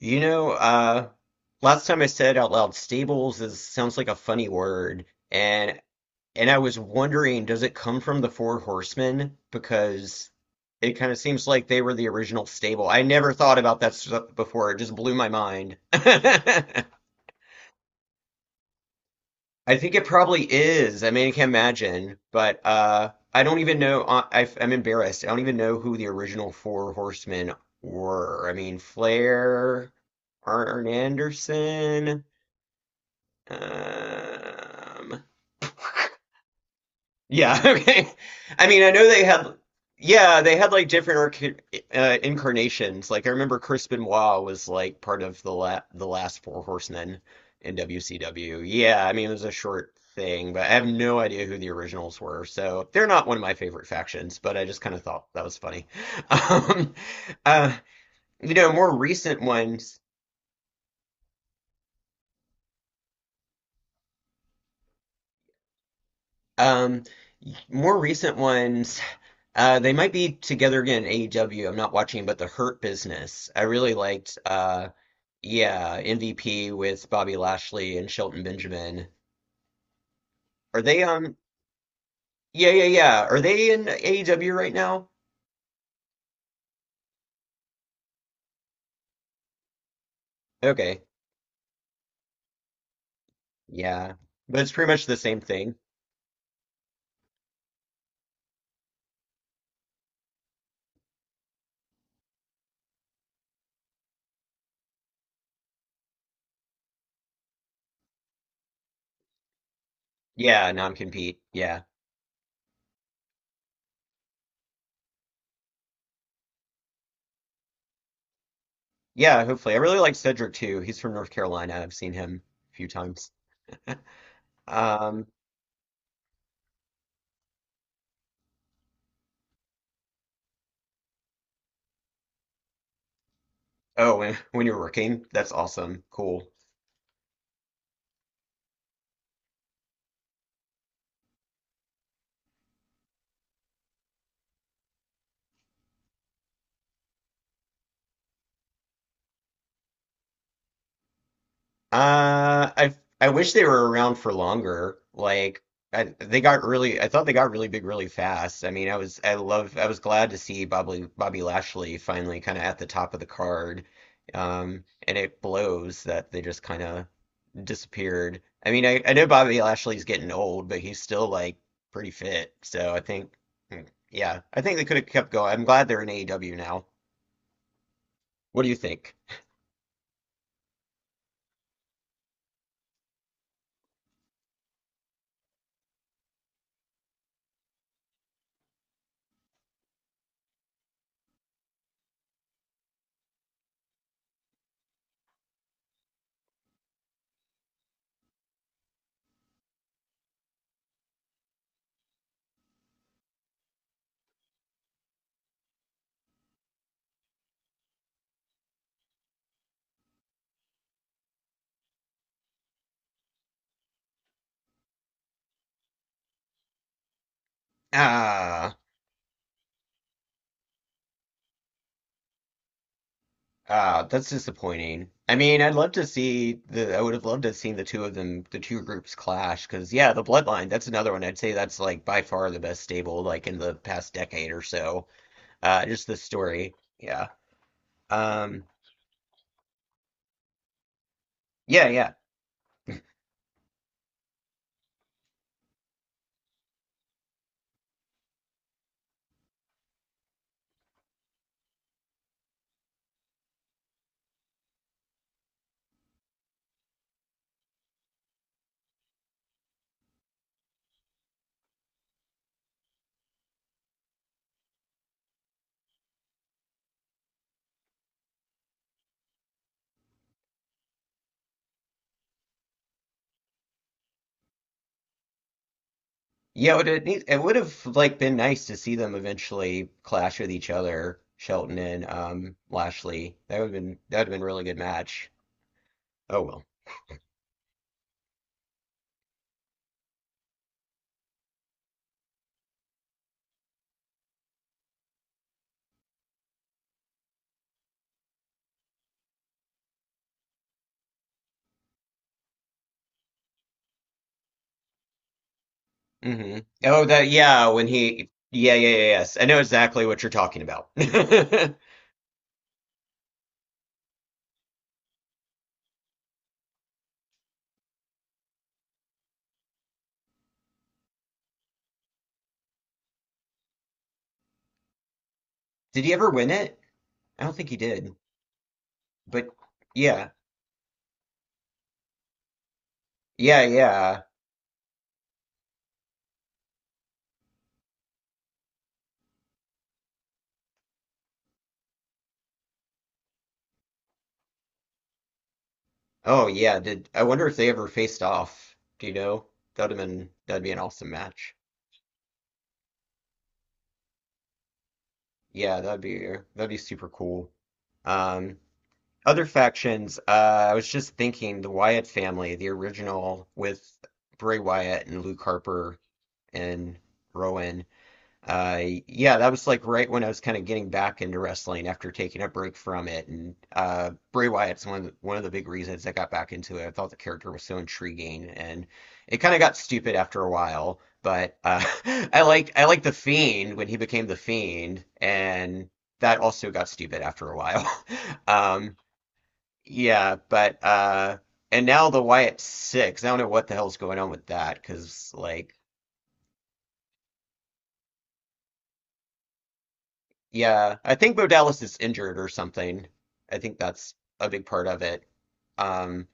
You know, uh, last time I said out loud, stables is sounds like a funny word, and I was wondering, does it come from the Four Horsemen? Because it kind of seems like they were the original stable. I never thought about that stuff before. It just blew my mind. I think it probably is. I mean, I can't imagine, but I don't even know. I'm embarrassed. I don't even know who the original Four Horsemen were. I mean, Flair, Arn Anderson. Um, yeah, okay. I mean, I know they had, yeah, they had like different arc incarnations. Like I remember Chris Benoit was like part of the la the last Four Horsemen in WCW. Yeah, I mean it was a short thing, but I have no idea who the originals were. So they're not one of my favorite factions, but I just kind of thought that was funny. Um, uh, you know, more recent ones. Um, More recent ones. They might be together again in AEW. I'm not watching, but the Hurt Business. I really liked, yeah, MVP with Bobby Lashley and Shelton Benjamin. Are they, yeah, yeah, yeah. Are they in AEW right now? Okay. Yeah. But it's pretty much the same thing. Yeah, non-compete. Yeah. Yeah, hopefully. I really like Cedric too. He's from North Carolina. I've seen him a few times. Um, oh, when you're working, that's awesome. Cool. Uh, I I wish they were around for longer. Like they got really, I thought they got really big really fast. I mean, I was glad to see Bobby Lashley finally kind of at the top of the card. And it blows that they just kind of disappeared. I mean, I know Bobby Lashley's getting old, but he's still like pretty fit. So I think, hmm, yeah, I think they could have kept going. I'm glad they're in AEW now. What do you think? Ah. Ah, that's disappointing. I mean, I'd love to see I would have loved to have seen the two of them, the two groups clash, because yeah, the Bloodline, that's another one. I'd say that's like by far the best stable, like in the past decade or so. Just the story. Yeah. Um, yeah, yeah. Yeah, it would it would have like been nice to see them eventually clash with each other, Shelton and Lashley. That would have been a really good match. Oh well. Oh, that yeah. When he yes, I know exactly what you're talking about. Did he ever win it? I don't think he did. But yeah yeah. Oh yeah. Did I wonder if they ever faced off? Do you know? That'd have been That'd be an awesome match. Yeah, that'd be That'd be super cool. Um, Other factions. I was just thinking the Wyatt family, the original with Bray Wyatt and Luke Harper and Rowan. Uh, yeah, that was like right when I was kind of getting back into wrestling after taking a break from it. And Bray Wyatt's one of one of the big reasons I got back into it. I thought the character was so intriguing, and it kind of got stupid after a while. But I like the Fiend when he became the Fiend, and that also got stupid after a while. Um, yeah, but and now the Wyatt Six. I don't know what the hell's going on with that because like. Yeah, I think Bo Dallas is injured or something. I think that's a big part of it. Um,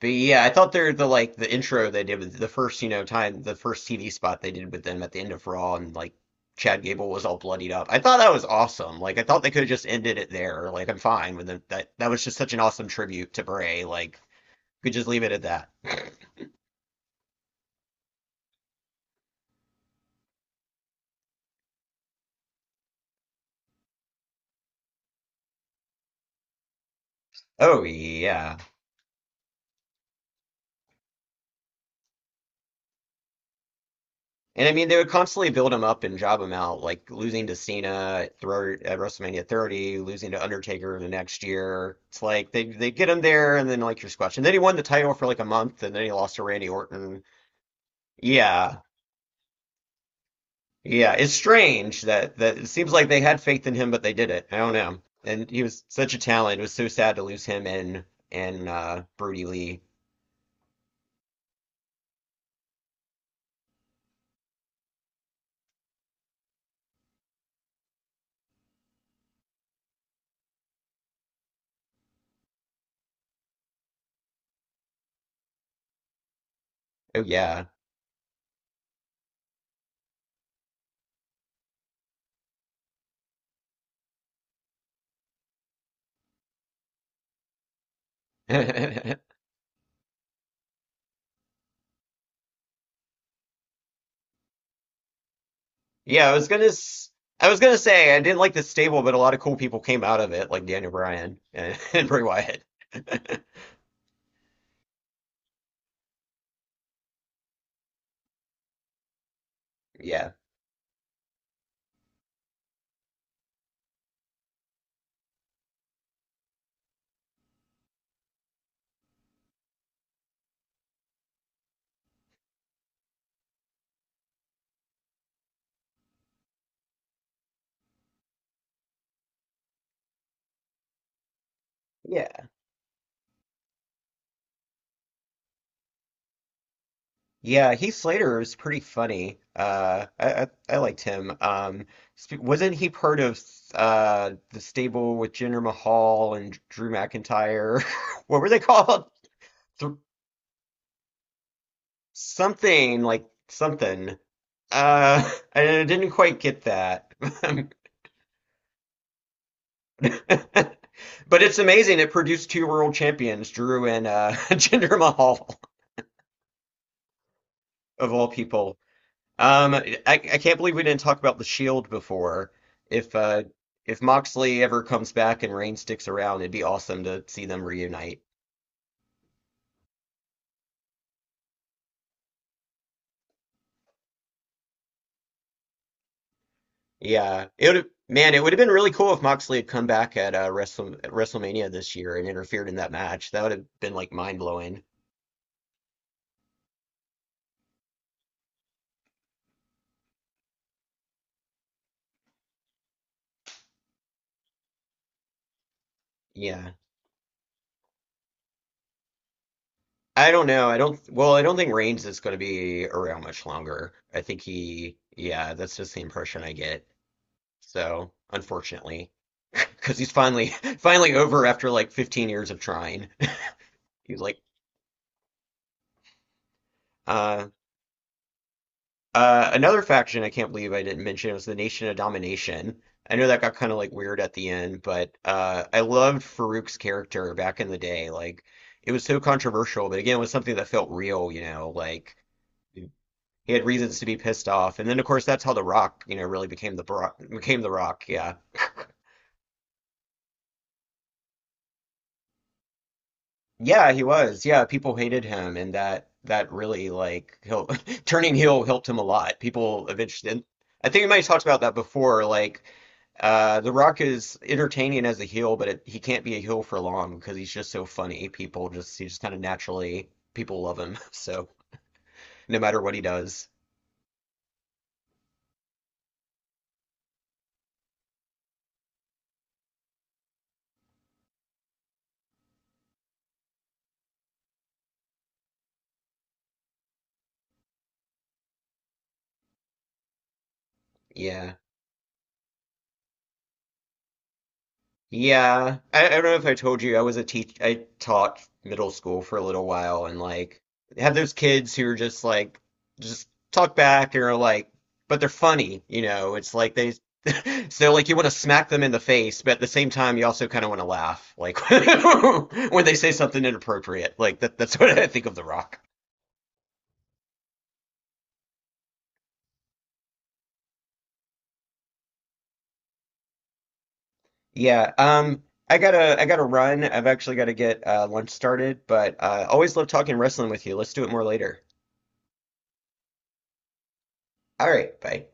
but yeah, I thought they're the like the intro they did with the first, you know, time the first TV spot they did with them at the end of Raw and like Chad Gable was all bloodied up. I thought that was awesome. Like I thought they could have just ended it there. Like I'm fine with it. That was just such an awesome tribute to Bray. Like we could just leave it at that. Oh yeah. And I mean, they would constantly build him up and job him out, like losing to Cena at WrestleMania 30, losing to Undertaker the next year. It's like they get him there, and then like you're squashed. And then he won the title for like a month, and then he lost to Randy Orton. Yeah, yeah. It's strange that it seems like they had faith in him, but they didn't. I don't know. And he was such a talent. It was so sad to lose him and Brody Lee. Oh yeah. Yeah, I was gonna say I didn't like the stable, but a lot of cool people came out of it, like Daniel Bryan and, and Bray Wyatt. Yeah. Yeah. Yeah, Heath Slater was pretty funny. I liked him. Wasn't he part of the stable with Jinder Mahal and Drew McIntyre? What were they called? Th Something like something. I didn't quite get that. But it's amazing. It produced two world champions, Drew and Jinder Mahal, of all people. I can't believe we didn't talk about the Shield before. If uh, if Moxley ever comes back and Reigns sticks around, it'd be awesome to see them reunite. Yeah, it would. Man, it would have been really cool if Moxley had come back at at WrestleMania this year and interfered in that match. That would have been like mind blowing. Yeah. I don't know. I don't. Well, I don't think Reigns is going to be around much longer. I think he. Yeah, that's just the impression I get. So, unfortunately, because he's finally finally over after like 15 years of trying. He's like, uh, Another faction I can't believe I didn't mention was the Nation of Domination. I know that got kind of like weird at the end, but I loved Farouk's character back in the day. Like, it was so controversial, but again, it was something that felt real. You know, like. He had reasons to be pissed off. And then, of course, that's how The Rock, you know, really became the Bro became The Rock. Yeah, yeah, he was. Yeah, people hated him, and that really like turning heel helped him a lot. People eventually, and I think we might have talked about that before. Like, The Rock is entertaining as a heel, but he can't be a heel for long because he's just so funny. People just He just kind of naturally people love him. So no matter what he does, yeah. Yeah. I don't know if I told you, I taught middle school for a little while and like had those kids who are just like just talk back and are like but they're funny, you know. It's like they so like you want to smack them in the face, but at the same time you also kind of want to laugh like when they say something inappropriate. Like that's what I think of The Rock. Yeah, I gotta run. I've actually gotta get lunch started, but always love talking wrestling with you. Let's do it more later. All right, bye.